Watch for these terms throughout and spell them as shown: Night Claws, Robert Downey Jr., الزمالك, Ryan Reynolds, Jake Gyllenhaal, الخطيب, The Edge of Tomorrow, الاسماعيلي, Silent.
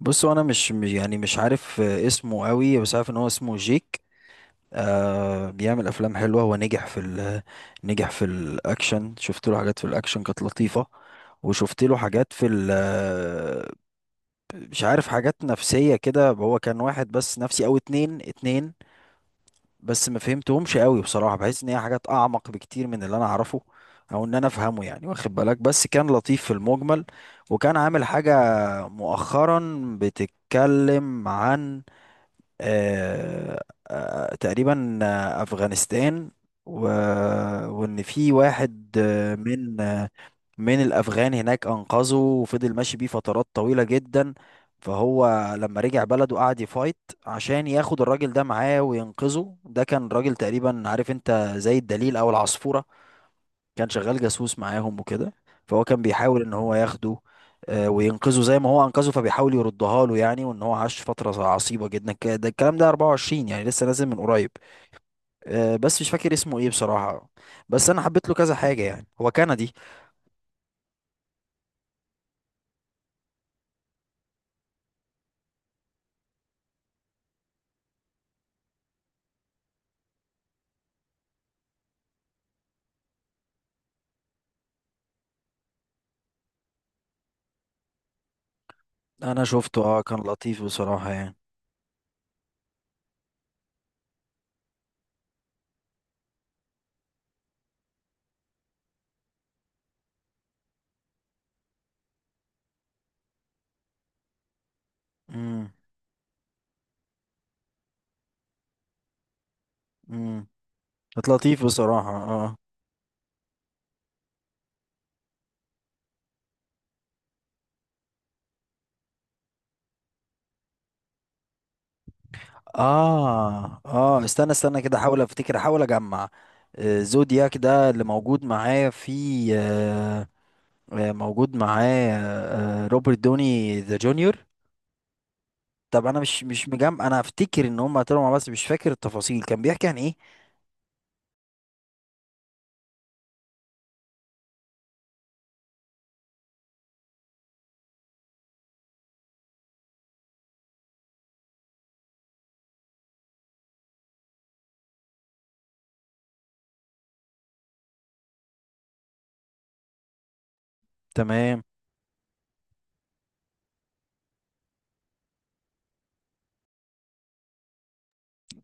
بص هو انا يعني مش عارف، اسمه قوي بس عارف ان هو اسمه جيك. آه، بيعمل افلام حلوه. هو نجح في الاكشن. شفت له حاجات في الاكشن كانت لطيفه، وشفت له حاجات في ال آه، مش عارف، حاجات نفسيه كده. هو كان واحد بس نفسي او اتنين بس ما فهمتهمش قوي بصراحه. بحس ان هي حاجات اعمق بكتير من اللي انا اعرفه او ان انا افهمه، يعني واخد بالك، بس كان لطيف في المجمل. وكان عامل حاجه مؤخرا بتتكلم عن، آه، آه، تقريبا آه، أفغانستان و... وإن في واحد من من الأفغان هناك أنقذه وفضل ماشي بيه فترات طويلة جدا. فهو لما رجع بلده قعد يفايت عشان ياخد الراجل ده معاه وينقذه. ده كان راجل تقريبا، عارف انت، زي الدليل أو العصفورة، كان شغال جاسوس معاهم وكده. فهو كان بيحاول ان هو ياخده وينقذه زي ما هو انقذه، فبيحاول يردها له يعني. وان هو عاش فترة عصيبة جدا، ده الكلام ده 24 يعني، لسه نازل من قريب. بس مش فاكر اسمه ايه بصراحة. بس انا حبيت له كذا حاجة، يعني هو كندي. انا شفته، اه، كان لطيف بصراحة يعني. امم. امم. كانت لطيف بصراحة، اه. اه استنى، استنى كده، احاول افتكر، احاول اجمع. زودياك ده اللي موجود معايا في، موجود معاه روبرت دوني ذا جونيور. طب انا مش مجمع، انا افتكر ان هم طلعوا مع بعض بس مش فاكر التفاصيل، كان بيحكي عن ايه؟ تمام.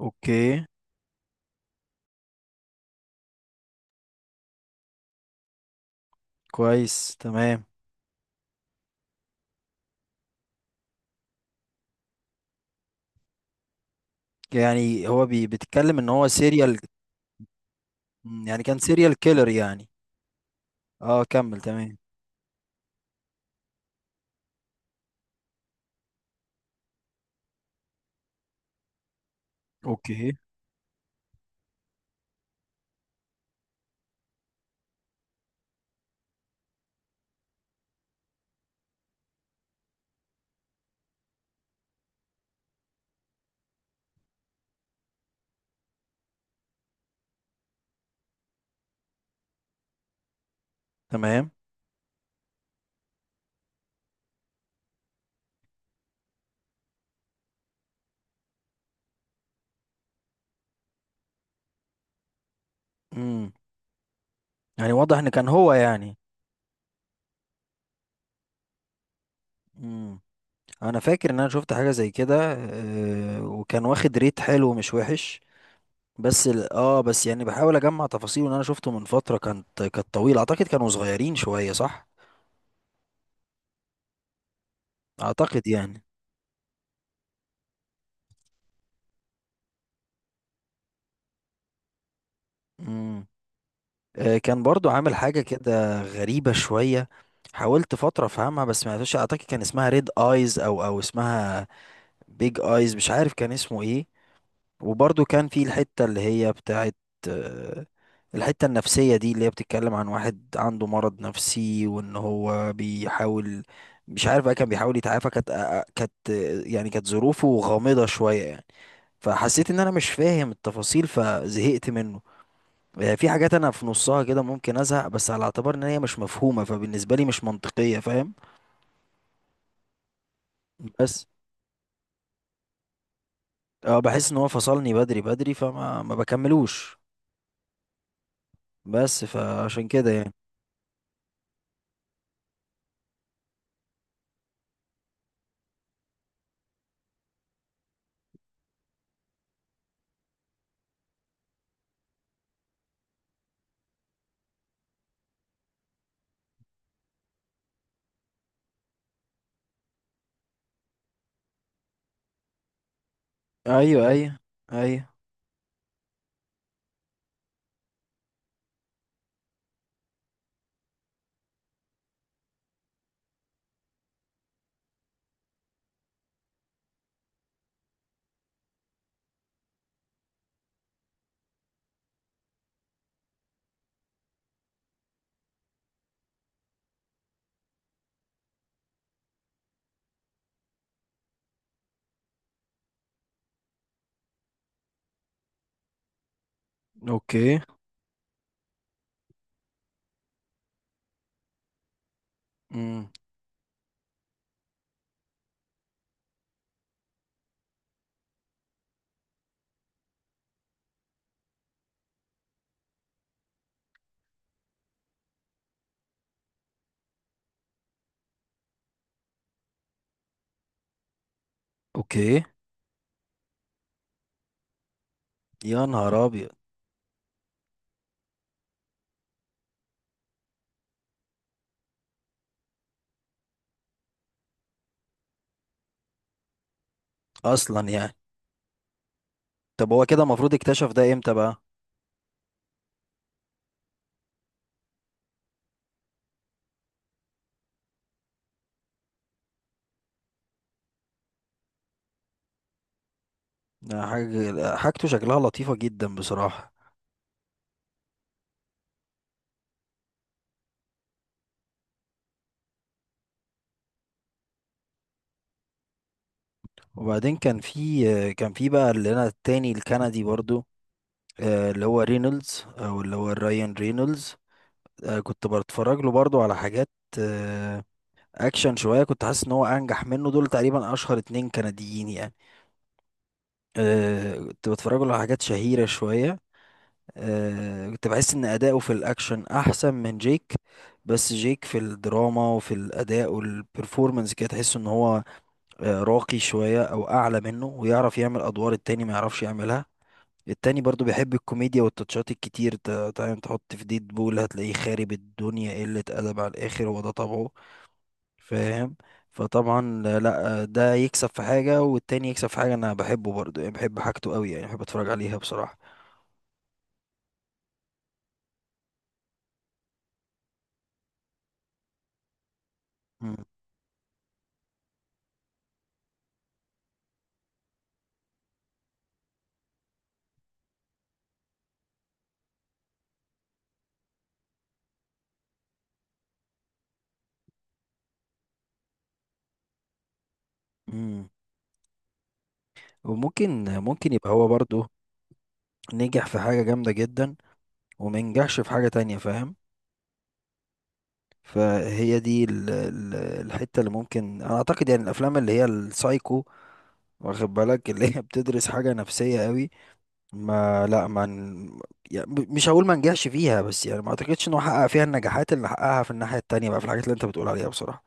اوكي. كويس، تمام. يعني هو بيتكلم ان هو سيريال، يعني كان سيريال كيلر يعني. اه، كمل. تمام. اوكي. تمام. امم. يعني واضح ان كان هو يعني. امم. انا فاكر ان انا شفت حاجة زي كده، وكان واخد ريت حلو مش وحش. بس ال... اه، بس يعني بحاول اجمع تفاصيل، ان انا شفته من فترة كانت طويلة. اعتقد كانوا صغيرين شوية، صح؟ اعتقد يعني. امم. آه، كان برضو عامل حاجة كده غريبة شوية، حاولت فترة افهمها بس ما عرفتش. اعتقد كان اسمها ريد ايز او اسمها بيج ايز، مش عارف كان اسمه ايه. وبرضو كان في الحتة اللي هي بتاعت، آه، الحتة النفسية دي، اللي هي بتتكلم عن واحد عنده مرض نفسي وان هو بيحاول، مش عارف بقى، كان بيحاول يتعافى. كانت آه، آه، كانت آه، يعني كانت ظروفه غامضة شوية يعني. فحسيت ان انا مش فاهم التفاصيل فزهقت منه. في حاجات انا في نصها كده ممكن ازهق، بس على اعتبار ان هي مش مفهومة، فبالنسبة لي مش منطقية، فاهم. بس اه، بحس ان هو فصلني بدري فما ما بكملوش، بس فعشان كده يعني. ايوه، ايوه، ايوه. اوكي. امم. اوكي. يا نهار ابيض! اصلا يعني. طب هو كده المفروض اكتشف ده امتى بقى؟ ده حاجة، حاجته شكلها لطيفة جدا بصراحة. وبعدين كان في، كان في بقى اللي انا التاني الكندي برضو، اللي هو رينولدز، او اللي هو رايان رينولدز. كنت بتفرج له برضو على حاجات آه، اكشن شوية. كنت حاسس ان هو انجح منه. دول تقريبا اشهر اتنين كنديين يعني. كنت بتفرج له على حاجات شهيرة شوية. كنت بحس ان اداؤه في الاكشن احسن من جيك، بس جيك في الدراما وفي الاداء والبرفورمانس كده تحس ان هو راقي شويه او اعلى منه، ويعرف يعمل ادوار التاني ما يعرفش يعملها. التاني برضو بيحب الكوميديا والتاتشات الكتير، تعالى تحط في ديد بول هتلاقيه خارب الدنيا، قلة أدب على الآخر، هو ده طبعه. فاهم. فطبعا، لا، ده يكسب في حاجة والتاني يكسب في حاجة. أنا بحبه برضو يعني، بحب حاجته قوي يعني، بحب أتفرج عليها بصراحة. مم. مم. وممكن يبقى هو برضو نجح في حاجة جامدة جدا ومنجحش في حاجة تانية، فاهم. فهي دي الحتة اللي ممكن انا اعتقد، يعني الافلام اللي هي السايكو، واخد بالك، اللي هي بتدرس حاجة نفسية قوي. ما لا ما ن- يعني مش هقول ما نجحش فيها، بس يعني ما اعتقدش انه حقق فيها النجاحات اللي حققها في الناحية التانية بقى، في الحاجات اللي انت بتقول عليها بصراحة.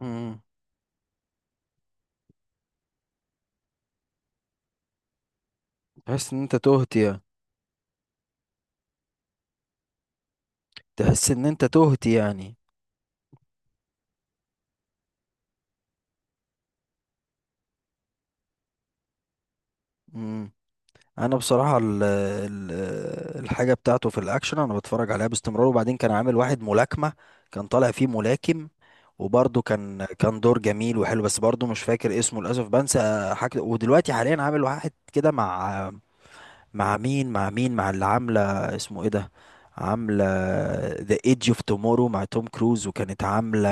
امم. تحس ان انت تهت يعني. تحس ان انت تهت يعني. مم. انا بصراحه ال ال الحاجه بتاعته في الاكشن انا بتفرج عليها باستمرار. وبعدين كان عامل واحد ملاكمه، كان طالع فيه ملاكم، وبرضه كان دور جميل وحلو، بس برضه مش فاكر اسمه للاسف، بنسى حاجه. ودلوقتي حاليا عامل واحد كده مع، مع مين، مع اللي عاملة، اسمه ايه ده، عاملة The Edge of Tomorrow مع توم كروز. وكانت عاملة،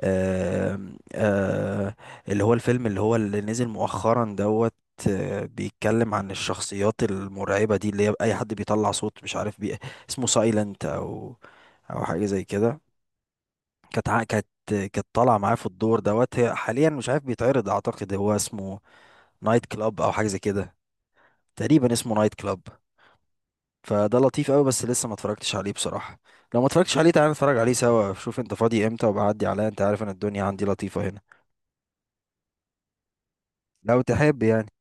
آه، آه، اللي هو الفيلم اللي هو اللي نزل مؤخرا دوت، بيتكلم عن الشخصيات المرعبة دي اللي هي أي حد بيطلع صوت، مش عارف بي، اسمه سايلنت أو أو حاجة زي كده. كانت كانت طالعة معاه في الدور دوت. هي حاليا مش عارف بيتعرض، أعتقد هو اسمه نايت كلاب أو حاجة زي كده، تقريبا اسمه نايت كلاب. فده لطيف قوي بس لسه ما اتفرجتش عليه بصراحة. لو ما اتفرجتش عليه، تعالى نتفرج عليه سوا، شوف انت فاضي امتى وبعدي عليا، انت عارف ان الدنيا عندي لطيفة هنا، لو تحب يعني.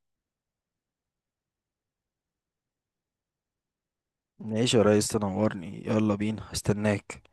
نعيش يا ريس، تنورني، يلا بينا، استناك.